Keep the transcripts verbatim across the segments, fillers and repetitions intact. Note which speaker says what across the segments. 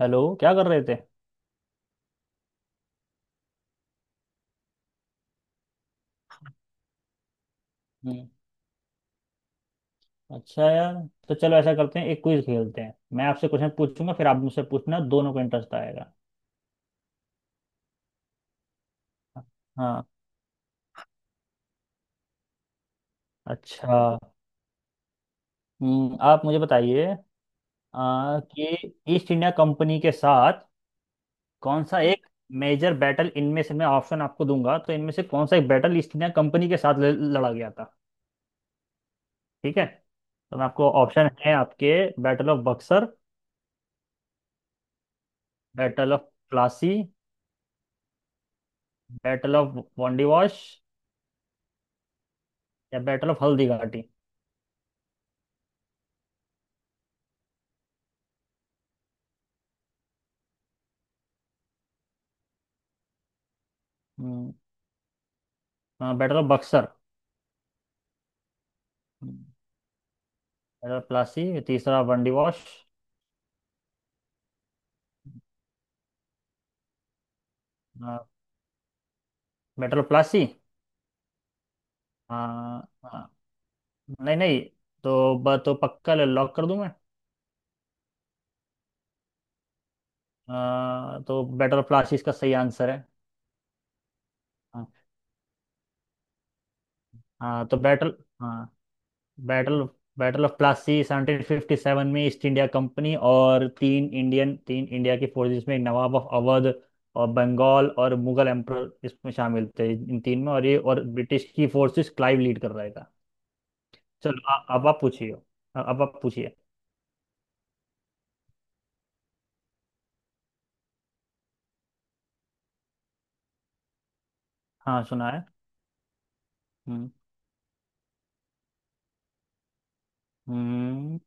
Speaker 1: Hello, क्या कर रहे थे? हम्म। अच्छा यार, तो चलो ऐसा करते हैं, एक क्विज खेलते हैं। मैं आपसे क्वेश्चन पूछूंगा, फिर आप मुझसे पूछना, दोनों को इंटरेस्ट आएगा। हाँ। अच्छा। हम्म, आप मुझे बताइए आ, कि ईस्ट इंडिया कंपनी के साथ कौन सा एक मेजर बैटल, इनमें से मैं ऑप्शन आपको दूंगा, तो इनमें से कौन सा एक बैटल ईस्ट इंडिया कंपनी के साथ ल- लड़ा गया था। ठीक है, तो मैं आपको ऑप्शन है आपके: battle of Buxar, battle of Plassey, battle of Wandiwash, या बैटल ऑफ हल्दीघाटी। हम्म, हाँ, बेटर बक्सर, मेटल प्लासी, तीसरा बंडी वॉश। मेटल प्लासी। हाँ। हाँ। नहीं नहीं, तो ब, तो पक्का ले लॉक कर दूं मैं? आ, तो बैटल ऑफ प्लासी इसका सही आंसर है। हाँ। हाँ, तो बैटल। हाँ, battle. Battle of Plassey seventeen fifty seven में ईस्ट इंडिया कंपनी और तीन इंडियन तीन इंडिया की फोर्सेस में, नवाब ऑफ अवध और बंगाल और मुगल एम्पर इसमें शामिल थे इन तीन में, और ये और ब्रिटिश की फोर्सेस, क्लाइव लीड कर रहा है। चलो, आ, अब आप पूछिए। अ- अब आप पूछिए। हाँ, सुना है। हम्म। हम्म।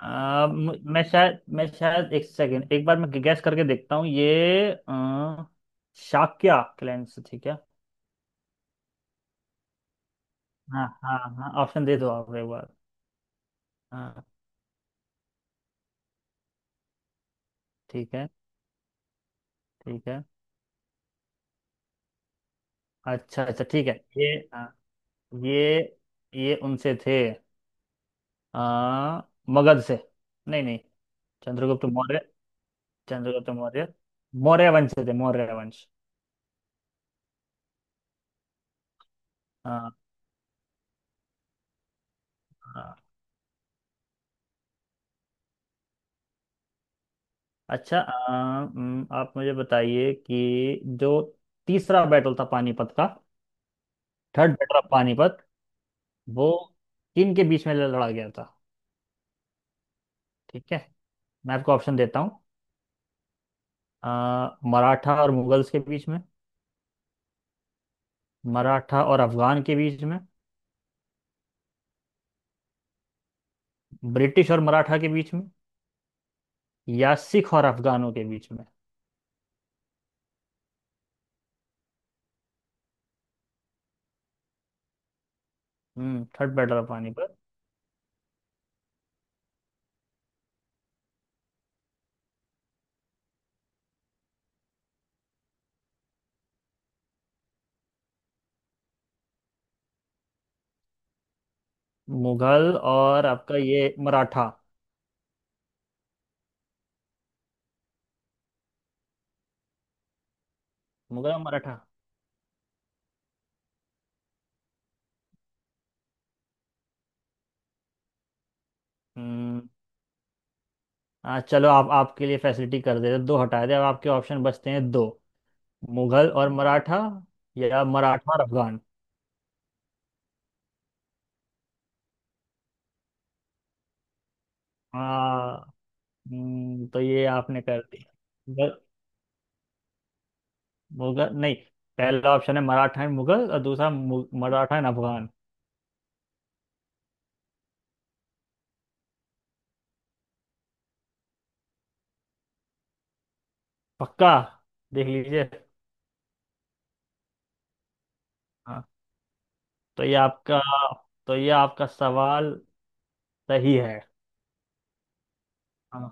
Speaker 1: आ, मु- मैं शायद मैं शायद एक सेकेंड, एक बार मैं गैस करके देखता हूँ ये। अ, शाक्या क्लैन से? ठीक है। हाँ हाँ हाँ, ऑप्शन दे दो आप एक बार। हाँ। ठीक है। ठीक है। अच्छा। अच्छा, ठीक है ये। हाँ, ये ये उनसे थे। आ, मगध से। नहीं नहीं, चंद्रगुप्त मौर्य चंद्रगुप्त मौर्य, मौर्य वंश से थे, मौर्य वंश। हाँ। अच्छा, आ, उम, आप मुझे बताइए कि जो तीसरा बैटल था पानीपत का, थर्ड बैटल ऑफ पानीपत, वो किन के बीच में ल- लड़ा गया था? ठीक है, मैं आपको ऑप्शन देता हूँ। आ, मराठा और मुगल्स के बीच में, मराठा और अफगान के बीच में, ब्रिटिश और मराठा के बीच में, या सिख और अफगानों के बीच में। हम्म। Third battle of Panipat. Mughal और आपका ये मराठा, मुगल और मराठा। हम्म। आ, चलो आप, आपके लिए फैसिलिटी कर देते, दो हटा दे। अब आपके ऑप्शन बचते हैं दो: मुगल और मराठा, या मराठा और अफगान। हाँ। हम्म, तो ये आपने कर दिया। मुगल, मुगल नहीं, पहला ऑप्शन है मराठा एंड मुगल, और दूसरा मु- मराठा एंड अफगान। पक्का, देख लीजिए। हाँ। तो ये आपका तो ये आपका सवाल सही है। हाँ।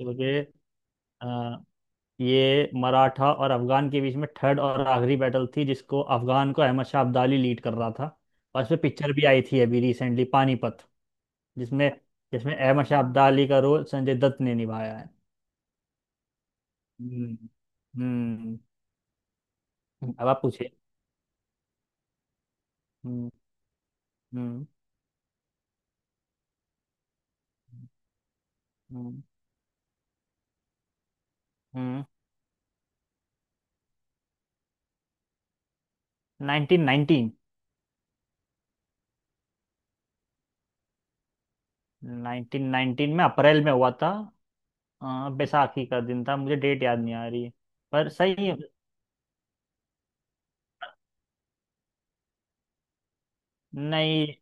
Speaker 1: तो ये ये मराठा और अफगान के बीच में थर्ड और आखिरी बैटल थी, जिसको अफगान को अहमद शाह अब्दाली लीड कर रहा था। और इसमें पिक्चर भी आई थी अभी रिसेंटली, पानीपत, जिसमें जिसमें अहमद शाह अब्दाली का रोल संजय दत्त ने निभाया है। हम्म। हम्म। अब आप पूछिए। हम्म। हम्म। हम्म। हम्म। Nineteen nineteen. नाइनटीन नाइनटीन में अप्रैल में हुआ था। अ, बैसाखी का दिन था, मुझे डेट याद नहीं आ रही है, पर सही है। नहीं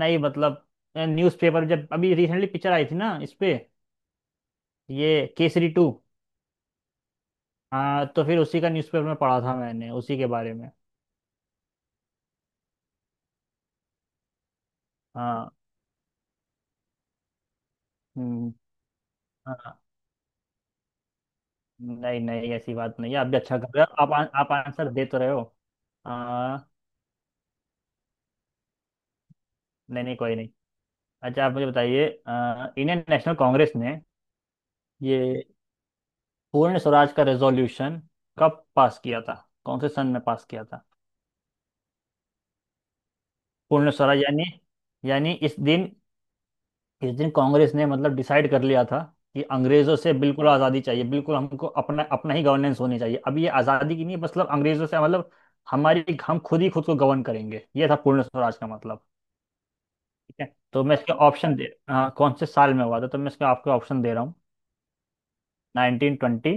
Speaker 1: नहीं, मतलब न्यूज़पेपर, जब अभी रिसेंटली पिक्चर आई थी ना इस पे, ये केसरी टू। हाँ, तो फिर उसी का न्यूज़पेपर में पढ़ा था मैंने उसी के बारे में। हाँ। हम्म, हाँ। नहीं नहीं, ऐसी बात नहीं है, आप भी अच्छा कर रहे हो, आप आ- आप आंसर दे तो रहे हो। आ, नहीं नहीं, कोई नहीं। अच्छा, आप मुझे बताइए, आ, इंडियन नेशनल कांग्रेस ने ये पूर्ण स्वराज का रेजोल्यूशन कब पास किया था? कौन से सन में पास किया था? पूर्ण स्वराज यानी, यानी इस दिन इस दिन कांग्रेस ने मतलब डिसाइड कर लिया था कि अंग्रेजों से बिल्कुल आज़ादी चाहिए, बिल्कुल हमको अपना, अपना ही गवर्नेंस होनी चाहिए। अब ये आज़ादी की नहीं है, मतलब अंग्रेजों से, मतलब हमारी, हम खुद ही खुद को गवर्न करेंगे, ये था पूर्ण स्वराज का मतलब। ठीक है, तो मैं इसके ऑप्शन दे, हाँ, कौन से साल में हुआ था, तो मैं इसके आपको ऑप्शन दे रहा हूँ: nineteen twenty,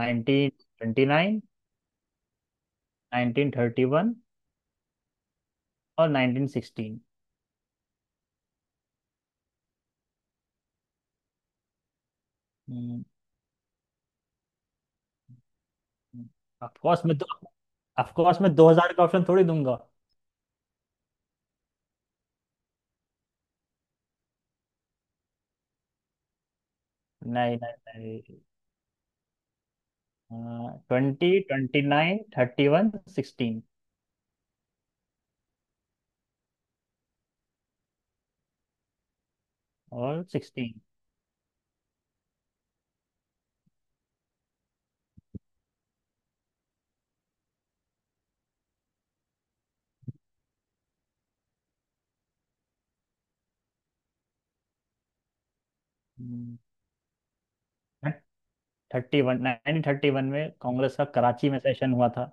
Speaker 1: nineteen twenty nine, nineteen thirty one, और नाइनटीन सिक्सटीन। ऑफकोर्स मैं दो ऑफकोर्स मैं दो हजार का ऑप्शन थोड़ी दूंगा। नहीं नहीं नहीं, twenty, twenty nine, thirty one, sixteen. और सिक्सटीन। हम्म, thirty one. Nineteen thirty one में कांग्रेस का कराची में सेशन हुआ था,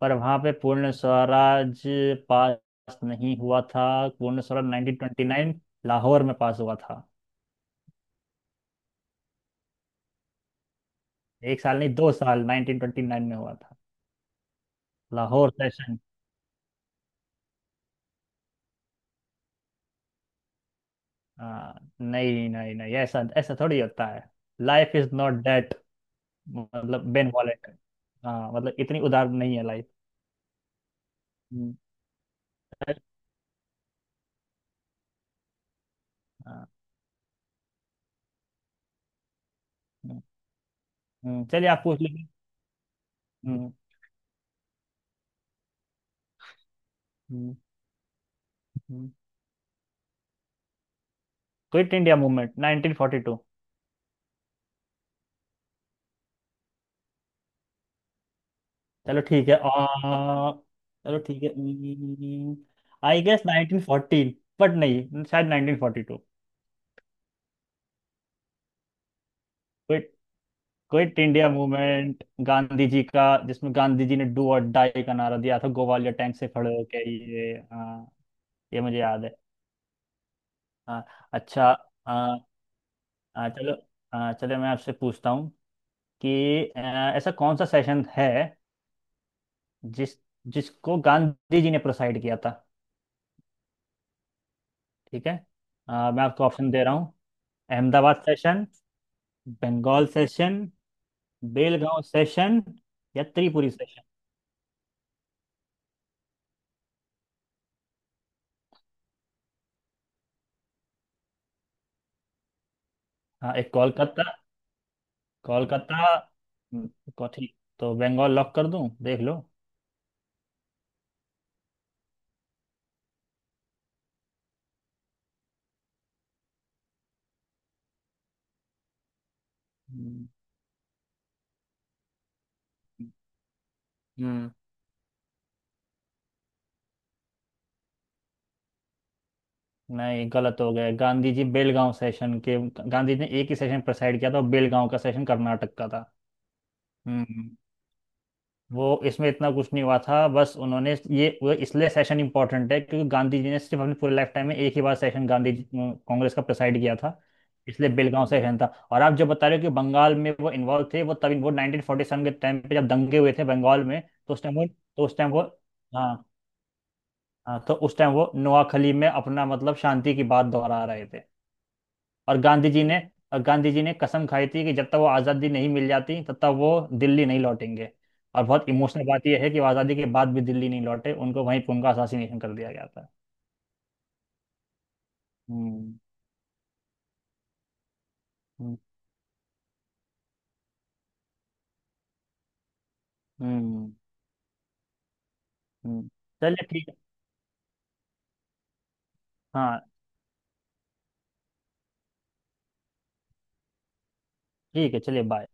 Speaker 1: पर वहाँ पे पूर्ण स्वराज पास नहीं हुआ था। Purna Swaraj nineteen twenty nine Lahore में पास हुआ था। एक साल नहीं, दो साल। नाइनटीन ट्वेंटी नाइन में हुआ था, लाहौर सेशन। हाँ, नहीं नहीं नहीं, ऐसा ऐसा थोड़ी होता है। लाइफ इज नॉट डेट, मतलब बेन वॉलेट। हाँ, मतलब इतनी उदार नहीं है लाइफ। हाँ। हम्म। हम्म, चलिए आप पूछ लीजिए। हम्म। हम्म। हम्म। Quit India movement nineteen forty two. चलो ठीक है, आ, चलो ठीक है। हम्म, I guess nineteen fourteen, but नहीं, शायद nineteen forty two. Quit quit India movement Gandhi ji का, जिसमें गांधी जी ने डू और डाई का नारा दिया था ग्वालियर टैंक से खड़े होके, ये, हाँ। ये मुझे याद है। हाँ। अच्छा। हाँ। हाँ, चलो। हाँ, चलो मैं आपसे पूछता हूँ कि अ, ऐसा कौन सा सेशन है जिस जिसको गांधी जी ने प्रोसाइड किया था? ठीक है, अ, मैं आपको ऑप्शन दे रहा हूँ: Ahmedabad session, Bengal session, Belgaum session, या त्रिपुरी सेशन। हाँ, एक कोलकाता। कोलकाता। हम्म, को ठीक, तो बंगाल लॉक कर दूं, देख लो। हम्म। हम्म, नहीं, गलत हो गया। गांधी जी बेलगांव सेशन के, गांधी जी ने एक ही सेशन प्रेसाइड किया था, और बेलगांव का सेशन कर्नाटक का था। हम्म वो इसमें इतना कुछ नहीं हुआ था, बस उन्होंने ये, वो, इसलिए सेशन इंपॉर्टेंट है क्योंकि गांधी जी ने सिर्फ अपने पूरे लाइफ टाइम में एक ही बार सेशन, गांधी जी- अ, कांग्रेस का प्रेसाइड किया था, इसलिए बेलगांव सेशन था। और आप जो बता रहे हो कि बंगाल में वो इन्वॉल्व थे, वो तब वो नाइनटीन फोर्टी सेवन के टाइम पे जब दंगे हुए थे बंगाल में, तो उस टाइम वो तो उस टाइम वो, हाँ। हाँ, तो उस टाइम वो नोआखली में अपना, मतलब शांति की बात दोहरा रहे थे। और गांधी जी ने और गांधी जी ने कसम खाई थी कि जब तक वो आज़ादी नहीं मिल जाती तब तक वो दिल्ली नहीं लौटेंगे। और बहुत इमोशनल बात यह है कि वो आज़ादी के बाद भी दिल्ली नहीं लौटे, उनको वहीं पे उनका असासीनेशन कर दिया गया था। हम्म। हम्म। हम्म। हम्म। चलिए ठीक है। हाँ, ठीक है, चलिए, बाय।